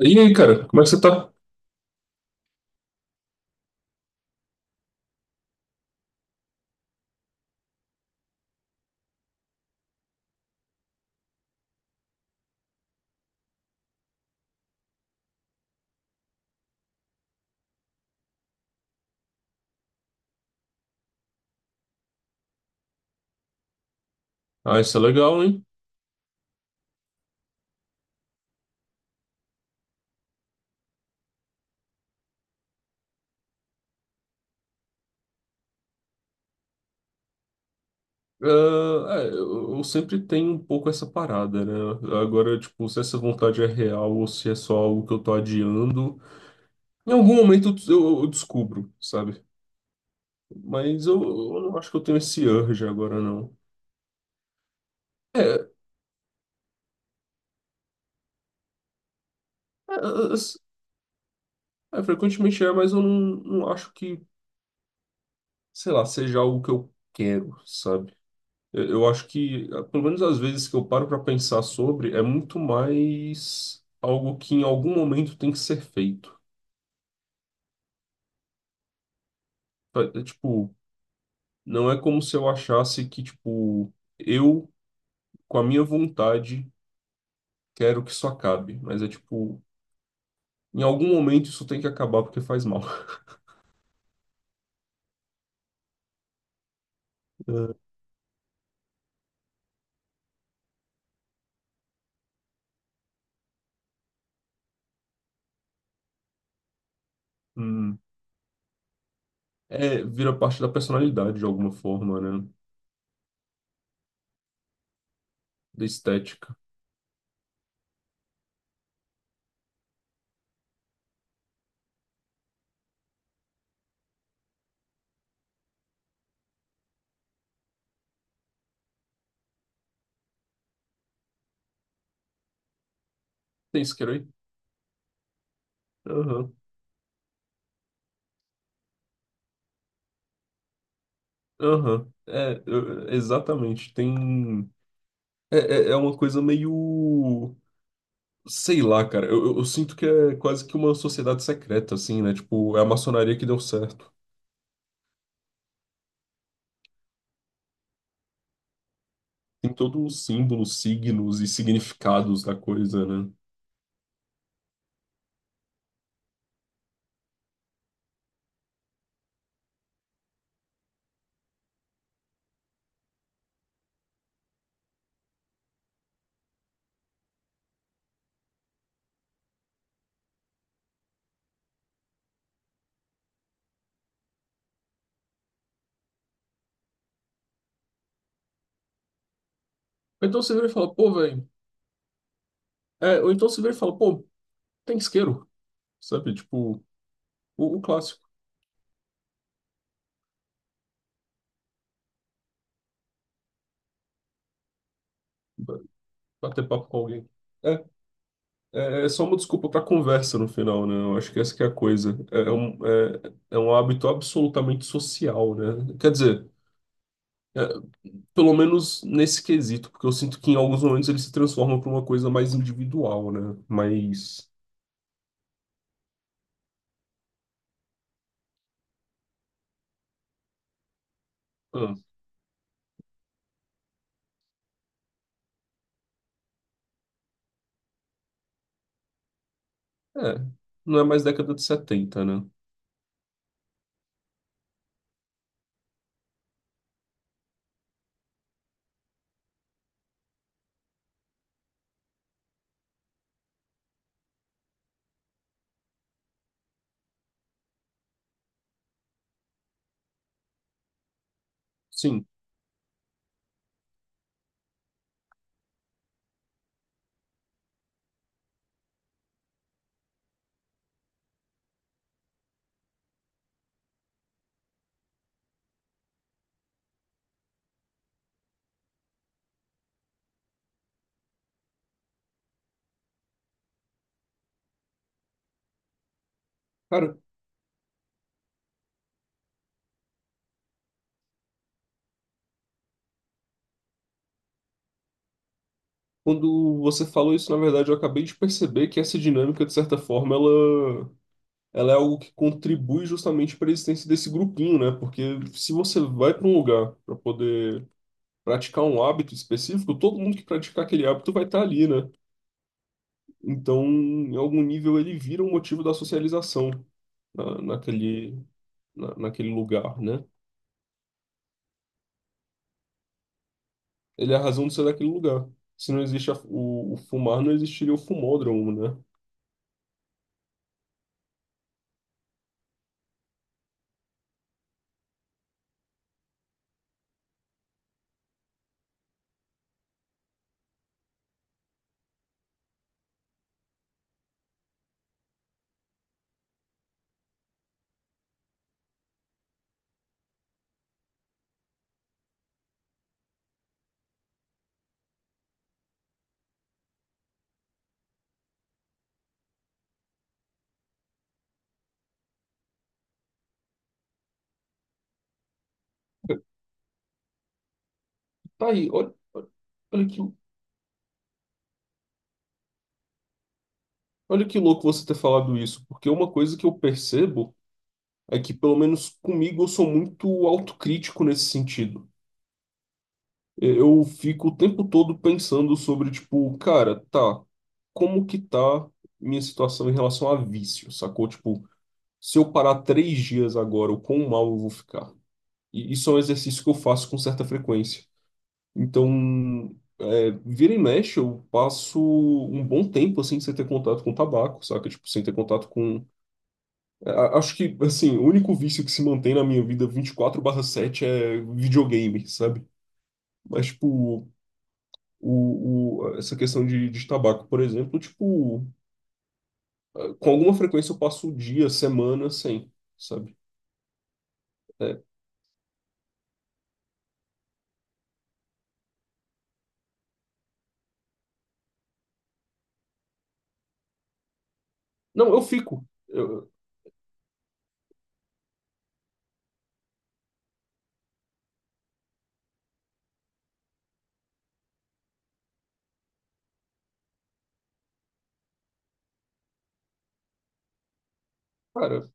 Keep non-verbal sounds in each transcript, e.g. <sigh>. E aí, cara, como é que você tá? Ah, isso é legal, hein? Ah, é, eu sempre tenho um pouco essa parada, né? Agora, tipo, se essa vontade é real ou se é só algo que eu tô adiando, em algum momento eu descubro, sabe? Mas eu não acho que eu tenho esse urge agora, não. É, é, Frequentemente é, mas eu não, não acho que, sei lá, seja algo que eu quero, sabe? Eu acho que, ah, pelo menos às vezes que eu paro para pensar sobre, é muito mais algo que em algum momento tem que ser feito. Tipo, não é como se eu achasse que, tipo, eu, com a minha vontade, quero que isso acabe. Mas é tipo, em algum momento isso tem que acabar porque faz mal. <laughs> É, hum. É, vira parte da personalidade de alguma forma, né? Da estética. Tem isqueiro aí? Aham, aham. É, exatamente. Tem. É, é, é uma coisa meio. Sei lá, cara. Eu, eu sinto que é quase que uma sociedade secreta, assim, né? Tipo, é a maçonaria que deu certo. Tem todos os símbolos, signos e significados da coisa, né? Ou então você vira e fala, pô, velho. É, ou então você vira e fala, pô, tem isqueiro, sabe? Tipo, o clássico. ba- Bater papo com alguém. É, é, é só uma desculpa pra conversa no final, né? Eu acho que essa que é a coisa. É, é um hábito absolutamente social, né? Quer dizer. É, pelo menos nesse quesito, porque eu sinto que em alguns momentos ele se transforma para uma coisa mais individual, né? Mais. Ah, é, não é mais década de setenta, né? Sim. Cara, quando você falou isso, na verdade, eu acabei de perceber que essa dinâmica, de certa forma, ela é algo que contribui justamente para a existência desse grupinho, né? Porque se você vai para um lugar para poder praticar um hábito específico, todo mundo que praticar aquele hábito vai estar ali, né? Então, em algum nível, ele vira um motivo da socialização. na, naquele, naquele lugar, né? Ele é a razão de ser daquele lugar. Se não existe o fumar, não existiria o fumódromo, né? Tá aí, olha, olha que, olha que louco você ter falado isso, porque uma coisa que eu percebo é que, pelo menos comigo, eu sou muito autocrítico nesse sentido. Eu fico o tempo todo pensando sobre, tipo, cara, tá, como que tá minha situação em relação a vício, sacou? Tipo, se eu parar três dias agora, o quão mal eu vou ficar? E isso é um exercício que eu faço com certa frequência. Então, é, vira e mexe, eu passo um bom tempo assim sem ter contato com tabaco, saca? Tipo, sem ter contato com. É, acho que, assim, o único vício que se mantém na minha vida 24 sete é videogame, sabe? Mas, tipo. Essa questão de tabaco, por exemplo, tipo, com alguma frequência eu passo o dia, semana sem, sabe? É, não, eu fico. Eu, cara,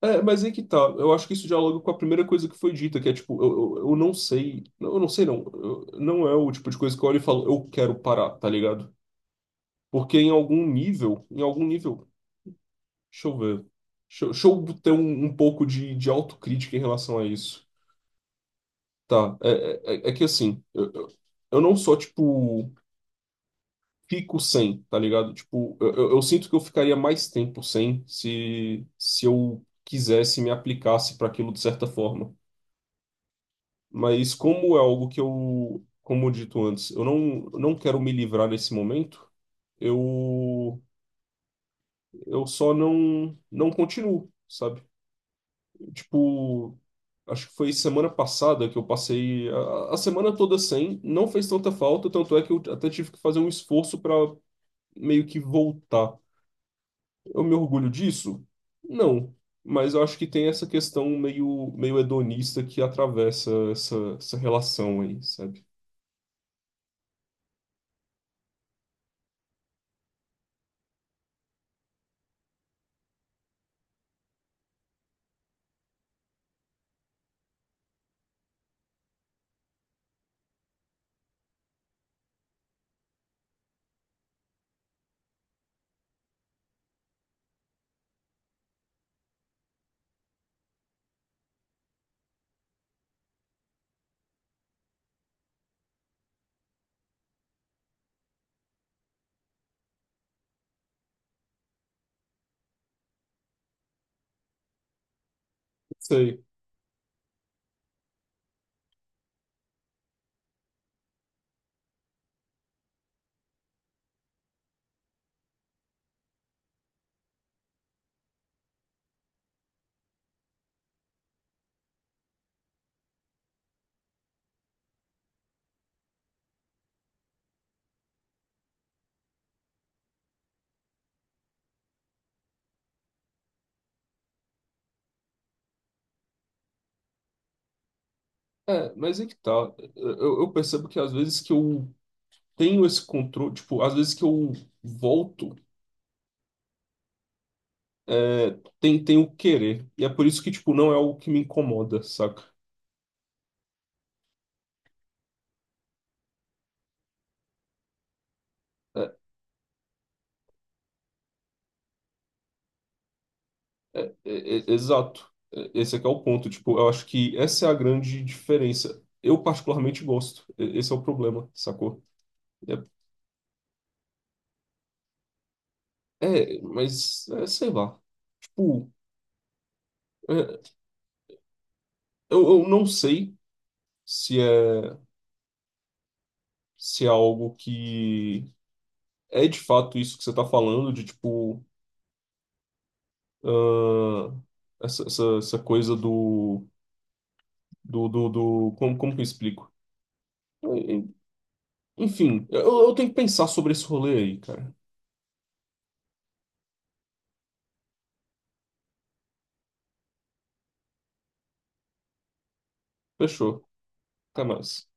é, mas aí que tá. Eu acho que isso dialoga com a primeira coisa que foi dita, que é tipo, eu não sei. Não, Eu não sei, não. Não é o tipo de coisa que eu olho e falo, eu quero parar, tá ligado? Porque em algum nível, deixa eu ver. Deixa eu ter um, um pouco de autocrítica em relação a isso. Tá, é, é, é é que assim, eu não só, tipo, fico sem, tá ligado? Tipo, eu, eu sinto que eu ficaria mais tempo sem se, se eu quisesse e me aplicasse pra aquilo de certa forma. Mas como é algo que eu, como dito antes, eu não quero me livrar nesse momento, eu, eu só não, não continuo, sabe? Tipo, acho que foi semana passada que eu passei a semana toda sem, não fez tanta falta, tanto é que eu até tive que fazer um esforço para meio que voltar. Eu me orgulho disso? Não. Mas eu acho que tem essa questão meio, meio hedonista que atravessa essa, essa relação aí, sabe? Sei. É, mas é que tá. Eu percebo que às vezes que eu tenho esse controle, tipo, às vezes que eu volto, é, tem, tem o querer. E é por isso que, tipo, não é algo que me incomoda, saca? É, é, é, exato. É, esse aqui é o ponto. Tipo, eu acho que essa é a grande diferença. Eu particularmente gosto. Esse é o problema, sacou? É, é, mas, é, sei lá. Tipo, é, eu não sei se é, se é algo que é de fato isso que você tá falando, de tipo, ah, essa coisa como, como que eu explico? Enfim, eu tenho que pensar sobre esse rolê aí, cara. Fechou. Até mais.